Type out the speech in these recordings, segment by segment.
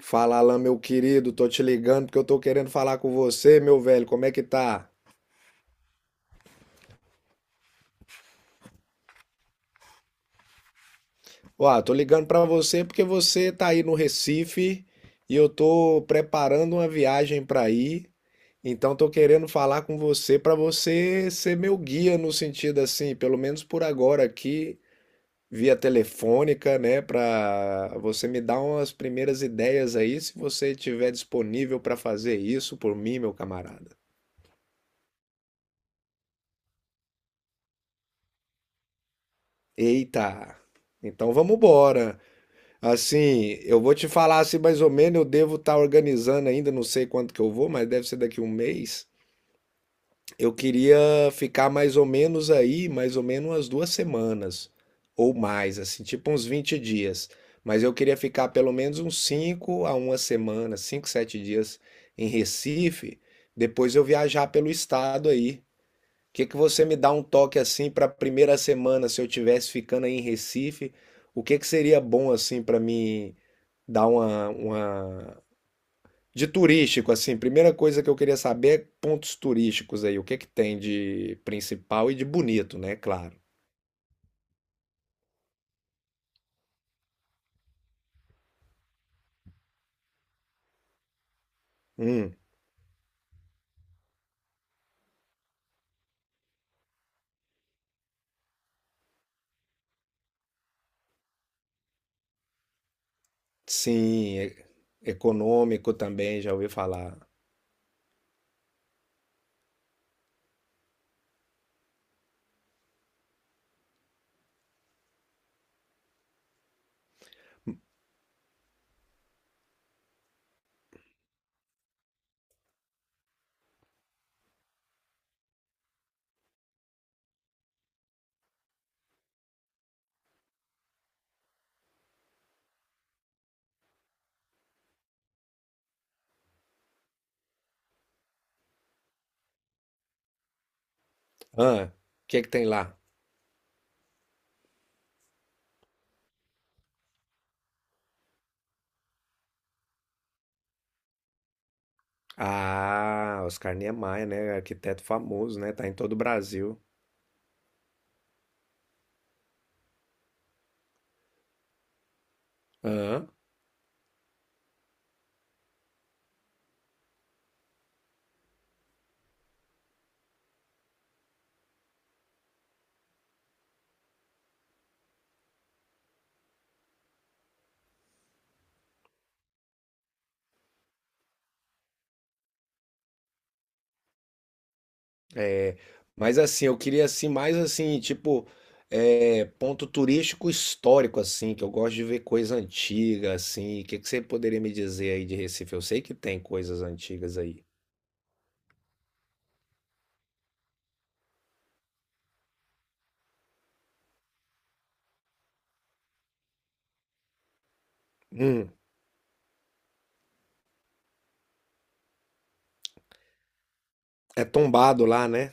Fala lá, meu querido, tô te ligando porque eu tô querendo falar com você, meu velho, como é que tá? Ó, tô ligando pra você porque você tá aí no Recife e eu tô preparando uma viagem pra ir. Então tô querendo falar com você pra você ser meu guia no sentido assim, pelo menos por agora aqui, via telefônica, né? Pra você me dar umas primeiras ideias aí, se você tiver disponível pra fazer isso por mim, meu camarada. Eita. Então vamos embora. Assim, eu vou te falar assim mais ou menos, eu devo estar organizando ainda, não sei quanto que eu vou, mas deve ser daqui um mês. Eu queria ficar mais ou menos aí, mais ou menos umas 2 semanas ou mais, assim, tipo uns 20 dias. Mas eu queria ficar pelo menos uns 5 a uma semana, 5, 7 dias em Recife, depois eu viajar pelo estado aí. O que que você me dá um toque assim para a primeira semana, se eu tivesse ficando aí em Recife? O que que seria bom assim para mim? Dar uma... De turístico, assim, primeira coisa que eu queria saber é pontos turísticos aí. O que é que tem de principal e de bonito, né? Claro. Hum, sim, econômico também, já ouvi falar. Ah, o que é que tem lá? Ah, Oscar Niemeyer, né? Arquiteto famoso, né? Tá em todo o Brasil. É, mas assim, eu queria assim, mais assim, tipo, é, ponto turístico histórico, assim, que eu gosto de ver coisa antiga, assim. O que que você poderia me dizer aí de Recife? Eu sei que tem coisas antigas aí. Hum, é tombado lá, né?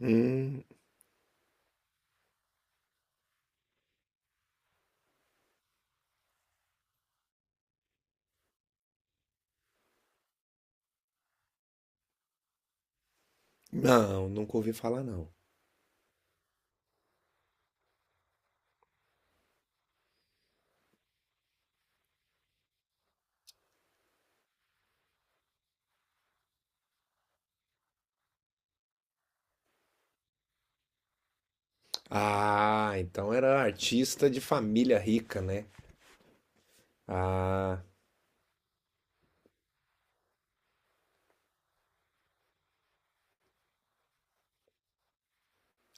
Hum, não, nunca ouvi falar, não. Ah, então era artista de família rica, né? Ah,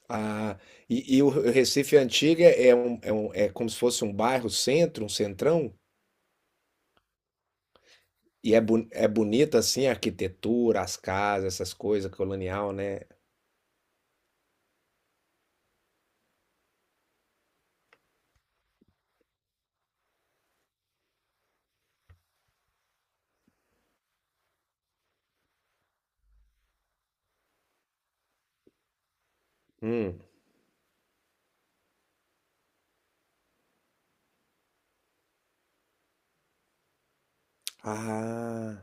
ah, e o Recife Antiga é como se fosse um bairro centro, um centrão? E é boni é bonita, assim, a arquitetura, as casas, essas coisas, colonial, né? Hum. Ah.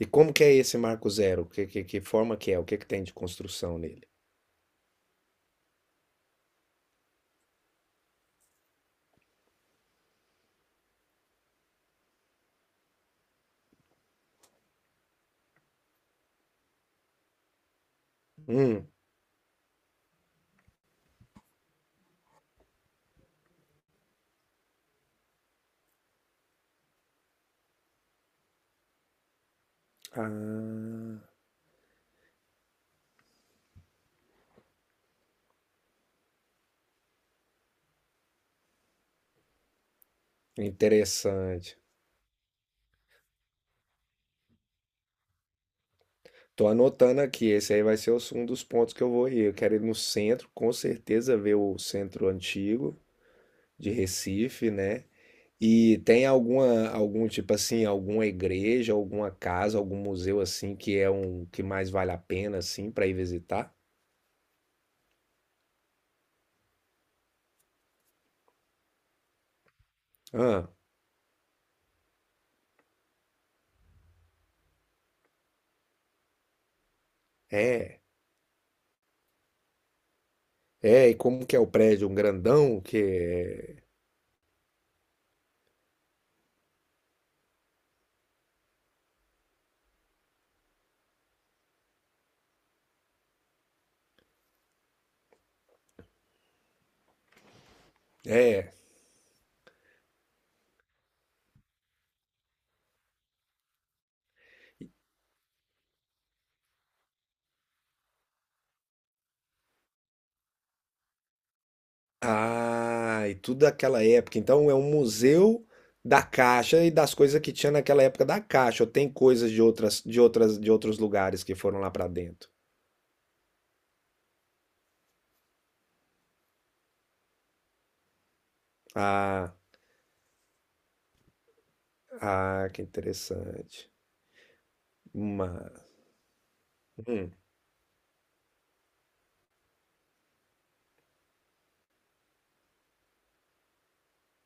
E como que é esse Marco Zero? Que forma que é? O que que tem de construção nele? Hum. Ah. Interessante. Tô anotando aqui, esse aí vai ser os- um dos pontos que eu vou ir. Eu quero ir no centro, com certeza ver o centro antigo de Recife, né? E tem algum tipo assim, alguma igreja, alguma casa, algum museu assim que é um que mais vale a pena assim para ir visitar? Ah, é. É, e como que é o prédio? Um grandão que é. É. Ah, e tudo daquela época. Então é um museu da Caixa e das coisas que tinha naquela época da Caixa. Ou tem coisas de outras, de outros lugares que foram lá pra dentro. Ah, ah, que interessante. Mas, hum,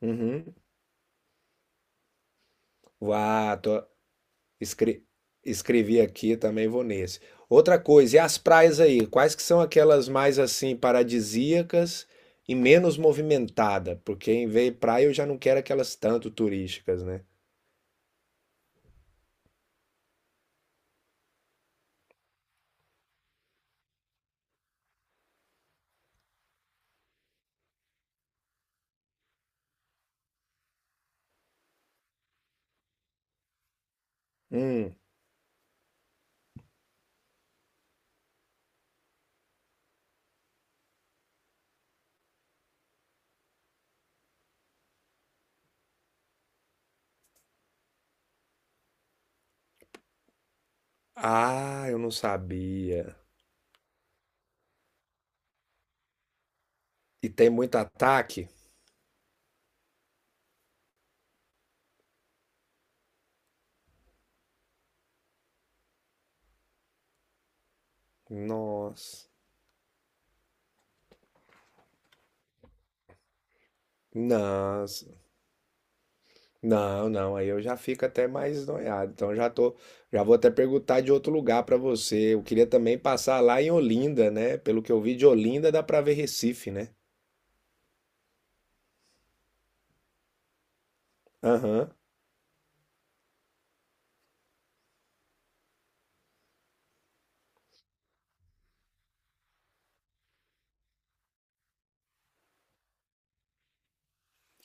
uhum. Uau, Escre- Escrevi aqui, também vou nesse. Outra coisa, e as praias aí? Quais que são aquelas mais assim paradisíacas e menos movimentada? Porque em vez de praia eu já não quero aquelas tanto turísticas, né? Hum. Ah, eu não sabia. E tem muito ataque? Nossa. Não. Não, aí eu já fico até mais noiado. Então já tô, já vou até perguntar de outro lugar pra você. Eu queria também passar lá em Olinda, né? Pelo que eu vi de Olinda dá pra ver Recife, né? Aham.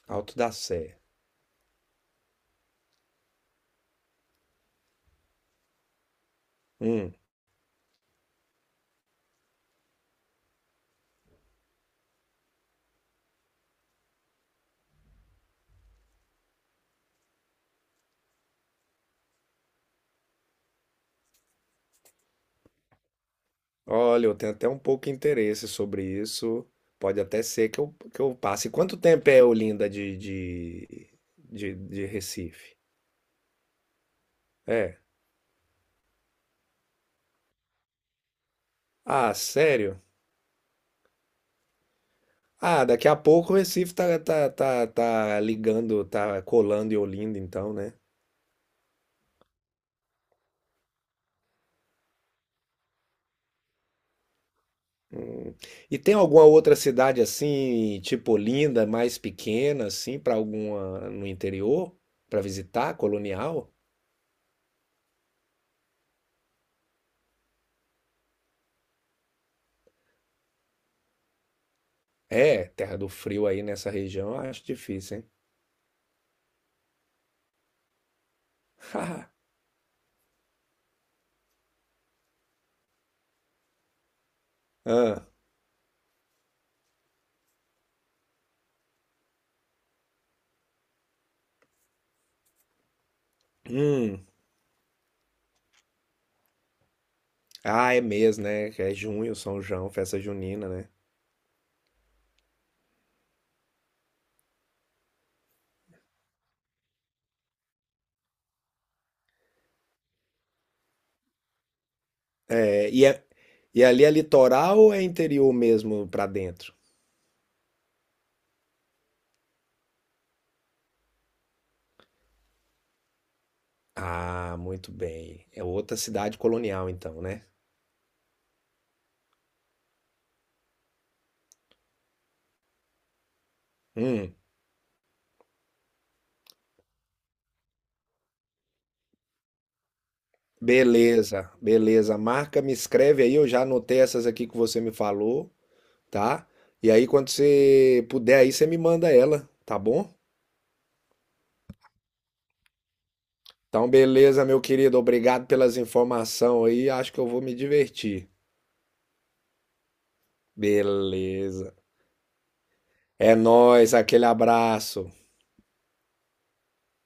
Alto da Sé. Hum. Olha, eu tenho até um pouco de interesse sobre isso. Pode até ser que eu passe. Quanto tempo é Olinda de Recife? É. Ah, sério? Ah, daqui a pouco o Recife tá ligando, tá colando em Olinda, então, né? E tem alguma outra cidade assim, tipo Olinda, mais pequena, assim, para alguma no interior, para visitar, colonial? É, Terra do Frio aí nessa região, eu acho difícil, hein? Ah, hum. Ah, é mesmo né? Que é junho, São João, festa junina, né? É, e, é- e ali é litoral ou é interior mesmo para dentro? Ah, muito bem. É outra cidade colonial, então, né? Hum. Beleza, beleza. Marca, me escreve aí, eu já anotei essas aqui que você me falou, tá? E aí, quando você puder aí, você me manda ela, tá bom? Então, beleza, meu querido. Obrigado pelas informações aí. Acho que eu vou me divertir. Beleza. É nóis, aquele abraço.